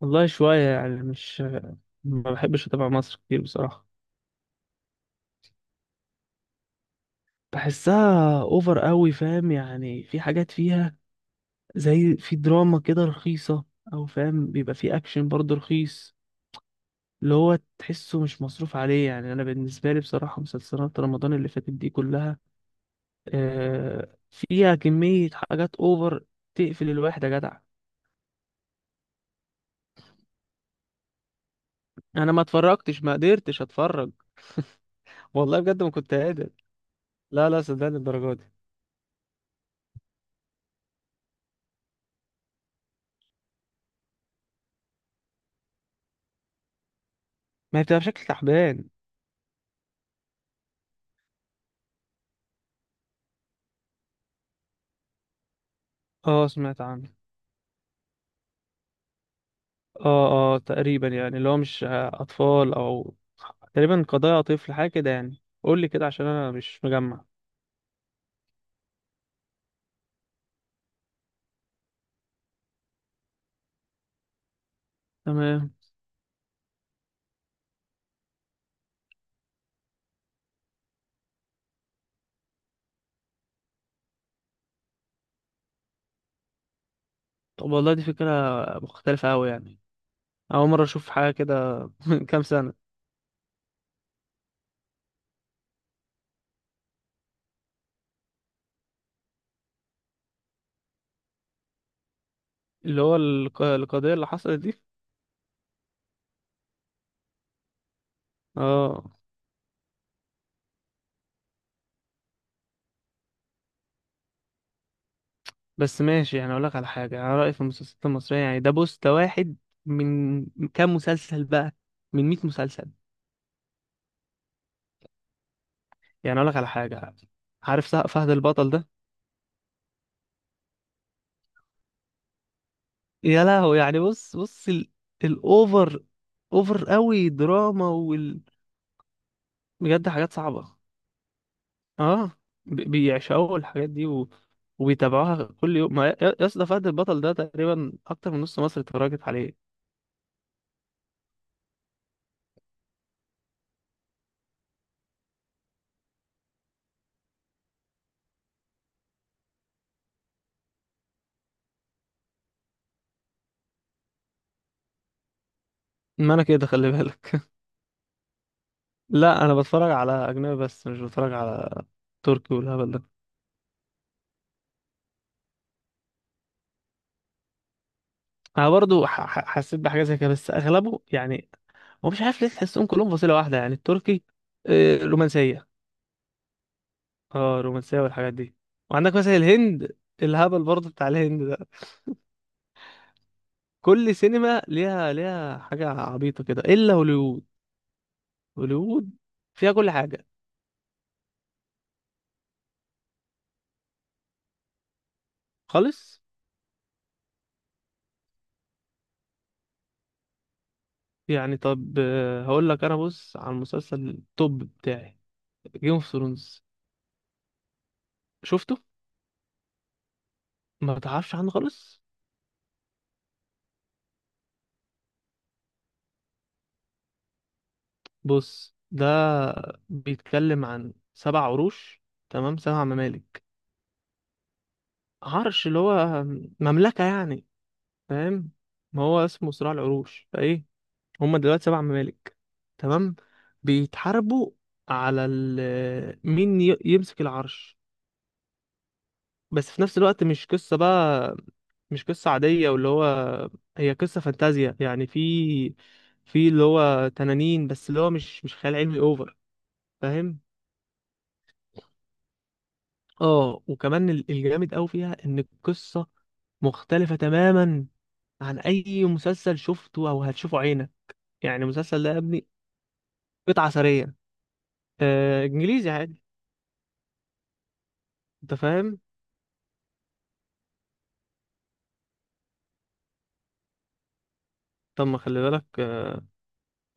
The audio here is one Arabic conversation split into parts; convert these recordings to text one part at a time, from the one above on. والله شوية يعني مش ما بحبش أتابع مصر كتير بصراحة. بحسها أوفر قوي، فاهم؟ يعني في حاجات فيها زي في دراما كده رخيصة، أو فاهم بيبقى في أكشن برضه رخيص. اللي هو تحسه مش مصروف عليه، يعني أنا بالنسبة لي بصراحة مسلسلات رمضان اللي فاتت دي كلها فيها كمية حاجات أوفر تقفل الواحد يا جدع. أنا ما اتفرجتش، ما قدرتش أتفرج. والله بجد ما كنت قادر. لا لا، صدقني الدرجة دي. ما هي بتبقى بشكل تعبان. اه، سمعت عنه. اه اه، تقريبا يعني اللي هو مش اطفال او تقريبا قضايا طفل، حاجه كده يعني، قول لي كده عشان انا مش مجمع. تمام. طب والله دي فكره مختلفه قوي يعني. اول مره اشوف حاجه كده من كام سنه. اللي هو القضيه اللي حصلت دي، اه. بس ماشي يعني، اقول لك على حاجه، انا رايي في المسلسلات المصريه يعني، ده بوست واحد من كام مسلسل بقى، من 100 مسلسل. يعني اقول لك على حاجه. عارف فهد البطل ده؟ يا لهو يعني، بص بص الاوفر، اوفر قوي دراما بجد حاجات صعبة، اه. بيعشقوا الحاجات دي وبيتابعوها كل يوم. ما يا يا اسطى، فهد البطل ده تقريبا اكتر من نص مصر اتفرجت عليه. ما انا كده خلي بالك. لا، انا بتفرج على اجنبي، بس مش بتفرج على تركي والهبل ده. انا برضو حسيت بحاجة زي كده، بس اغلبه يعني هو مش عارف ليه، تحسهم كلهم فصيلة واحدة يعني التركي، رومانسية. اه، الرومانسية والحاجات دي. وعندك مثلا الهند، الهبل برضه بتاع الهند ده. كل سينما ليها حاجة عبيطة كده إلا هوليوود. هوليوود فيها كل حاجة خالص. يعني طب هقول لك أنا، بص على المسلسل التوب بتاعي، جيم اوف ثرونز. شفته؟ ما بتعرفش عنه خالص. بص، ده بيتكلم عن سبع عروش، تمام، سبع ممالك. عرش اللي هو مملكة يعني، فاهم. ما هو اسمه صراع العروش فايه. هم دلوقتي سبع ممالك، تمام، بيتحاربوا على مين يمسك العرش. بس في نفس الوقت مش قصة بقى، مش قصة عادية واللي هو، هي قصة فانتازيا يعني، في في اللي هو تنانين، بس اللي هو مش خيال علمي اوفر، فاهم. اه، وكمان الجامد قوي فيها ان القصة مختلفة تماما عن اي مسلسل شفته او هتشوفه عينك. يعني المسلسل ده يا ابني قطعة أثرية. آه، انجليزي عادي، انت فاهم. طب ما خلي بالك،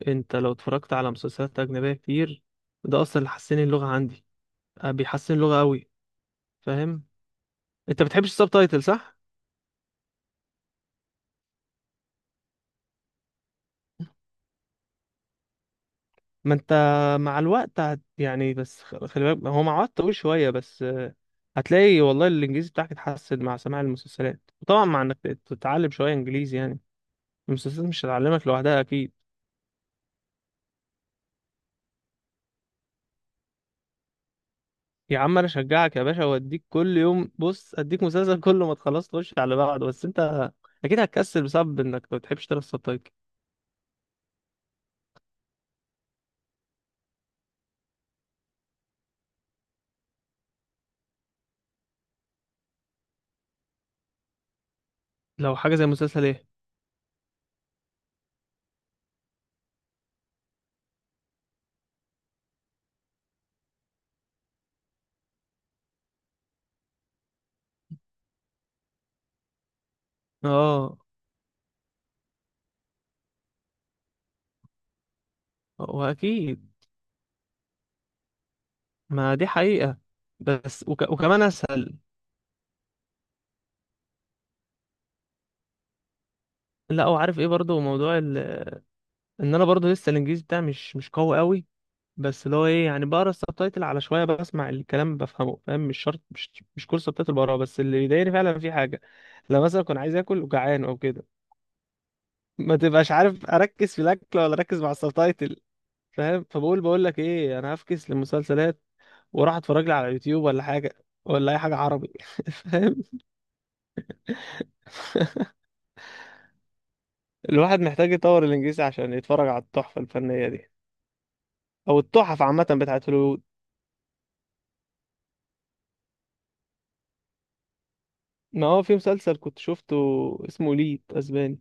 انت لو اتفرجت على مسلسلات اجنبيه كتير، ده اصلا اللي حسن اللغه عندي. بيحسن اللغه قوي، فاهم. انت بتحبش السب تايتل صح؟ ما انت مع الوقت يعني، بس خلي بالك، هو مع الوقت طويل شويه، بس هتلاقي والله الانجليزي بتاعك اتحسن مع سماع المسلسلات، وطبعا مع انك تتعلم شويه انجليزي يعني، المسلسلات مش هتعلمك لوحدها اكيد. يا عم انا اشجعك يا باشا، واديك كل يوم، بص اديك مسلسل كل ما تخلص تخش على بعض، بس انت اكيد هتكسل بسبب انك ما بتحبش تقرا السبتايتل. لو حاجة زي مسلسل ايه. اه، واكيد، ما دي حقيقة، بس وكمان اسهل. لا، وعارف ايه برضو موضوع ان انا برضو لسه الانجليزي بتاعي مش قوي قوي. بس اللي هو ايه، يعني بقرا السبتايتل على شوية بسمع الكلام بفهمه، فاهم، مش شرط، مش كل سبتايتل بقراه. بس اللي بيضايقني فعلا في حاجة، لو مثلا كنت عايز اكل وجعان او كده، ما تبقاش عارف اركز في الاكل ولا اركز مع السبتايتل، فاهم. فبقول لك ايه، انا هفكس للمسلسلات وراح اتفرج لي على يوتيوب ولا حاجه، ولا اي حاجه عربي. فاهم. الواحد محتاج يطور الانجليزي عشان يتفرج على التحفه الفنيه دي، او التحف عامه بتاعت هوليوود. ما هو في مسلسل كنت شفته، اسمه ليد اسباني،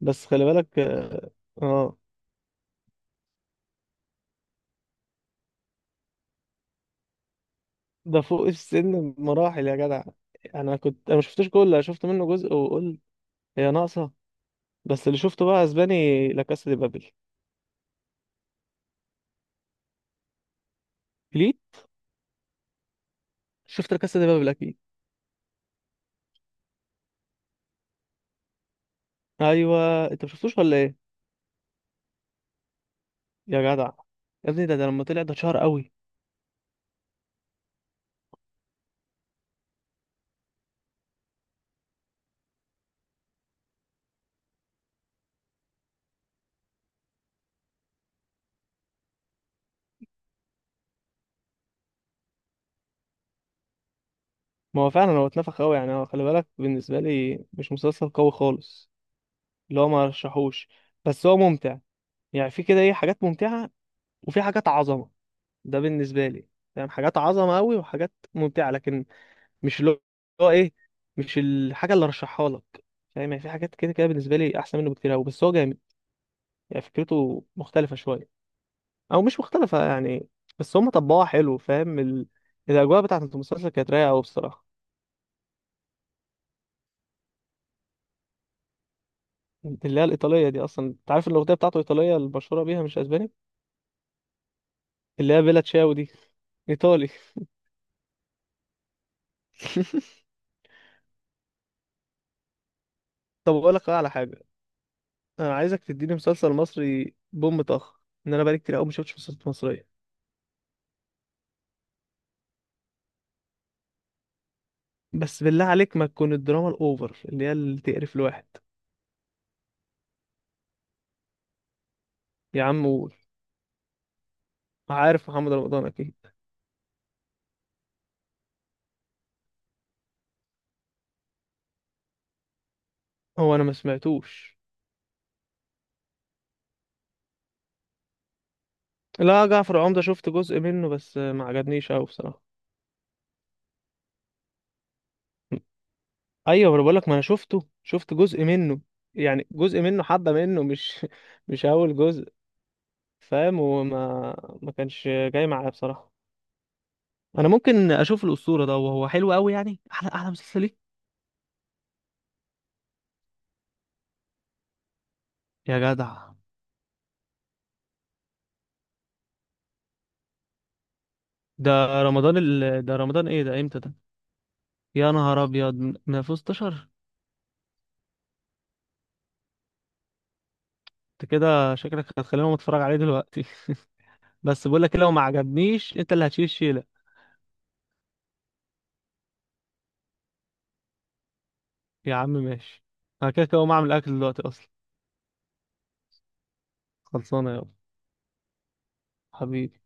بس خلي بالك، اه. آه، ده فوق السن بمراحل يا جدع. انا كنت، انا ما شفتوش كله، أنا شفت منه جزء وقلت هي ناقصه. بس اللي شفته بقى اسباني، لا كاسا دي بابل. ليه؟ شفت لا كاسا دي بابل اكيد. ايوه، انت مشفتوش ولا ايه؟ يا جدع، يا ابني ده لما طلع ده اتشهر قوي. ما هو فعلا هو اتنفخ قوي يعني، هو خلي بالك بالنسبه لي مش مسلسل قوي خالص. اللي هو ما رشحوش، بس هو ممتع يعني، في كده ايه حاجات ممتعه وفي حاجات عظمه، ده بالنسبه لي فاهم، حاجات عظمه قوي وحاجات ممتعه، لكن مش اللي هو ايه، مش الحاجه اللي رشحها لك، فاهم. يعني في حاجات كده كده بالنسبه لي احسن منه بكتير قوي، بس هو جامد يعني، فكرته مختلفه شويه، او مش مختلفه يعني، بس هم طبقوها حلو فاهم. الاجواء بتاعت المسلسل كانت رايقه قوي بصراحه. اللي هي الايطاليه دي اصلا، انت عارف إن الاغنيه بتاعته ايطاليه المشهوره بيها مش اسباني؟ اللي هي بيلا تشاو دي، ايطالي. طب اقول لك بقى على حاجه، انا عايزك تديني مسلسل مصري بوم طخ، ان انا بقالي كتير قوي ما شفتش مسلسلات مصريه. بس بالله عليك، ما تكون الدراما الاوفر اللي هي اللي تقرف الواحد. يا عم قول، عارف محمد رمضان اكيد. هو انا ما سمعتوش. لا، جعفر العمدة شفت جزء منه، بس ما عجبنيش قوي بصراحه. ايوه، ما انا بقول لك، ما انا شفته، شفت جزء منه، يعني جزء منه، حبه منه، مش مش اول جزء، فاهم. وما ما كانش جاي معايا بصراحه. انا ممكن اشوف الاسطوره ده، وهو حلو قوي يعني، احلى احلى مسلسل ليه. يا جدع، ده رمضان ده رمضان ايه، ده امتى ده؟ يا نهار ابيض، ما في 16. انت كده شكلك هتخليني اتفرج عليه دلوقتي. بس بقول لك إيه، لو ما عجبنيش انت اللي هتشيل الشيله. يا عم ماشي، انا كده كده هقوم اعمل اكل دلوقتي اصلا. خلصانه يابا، حبيبي.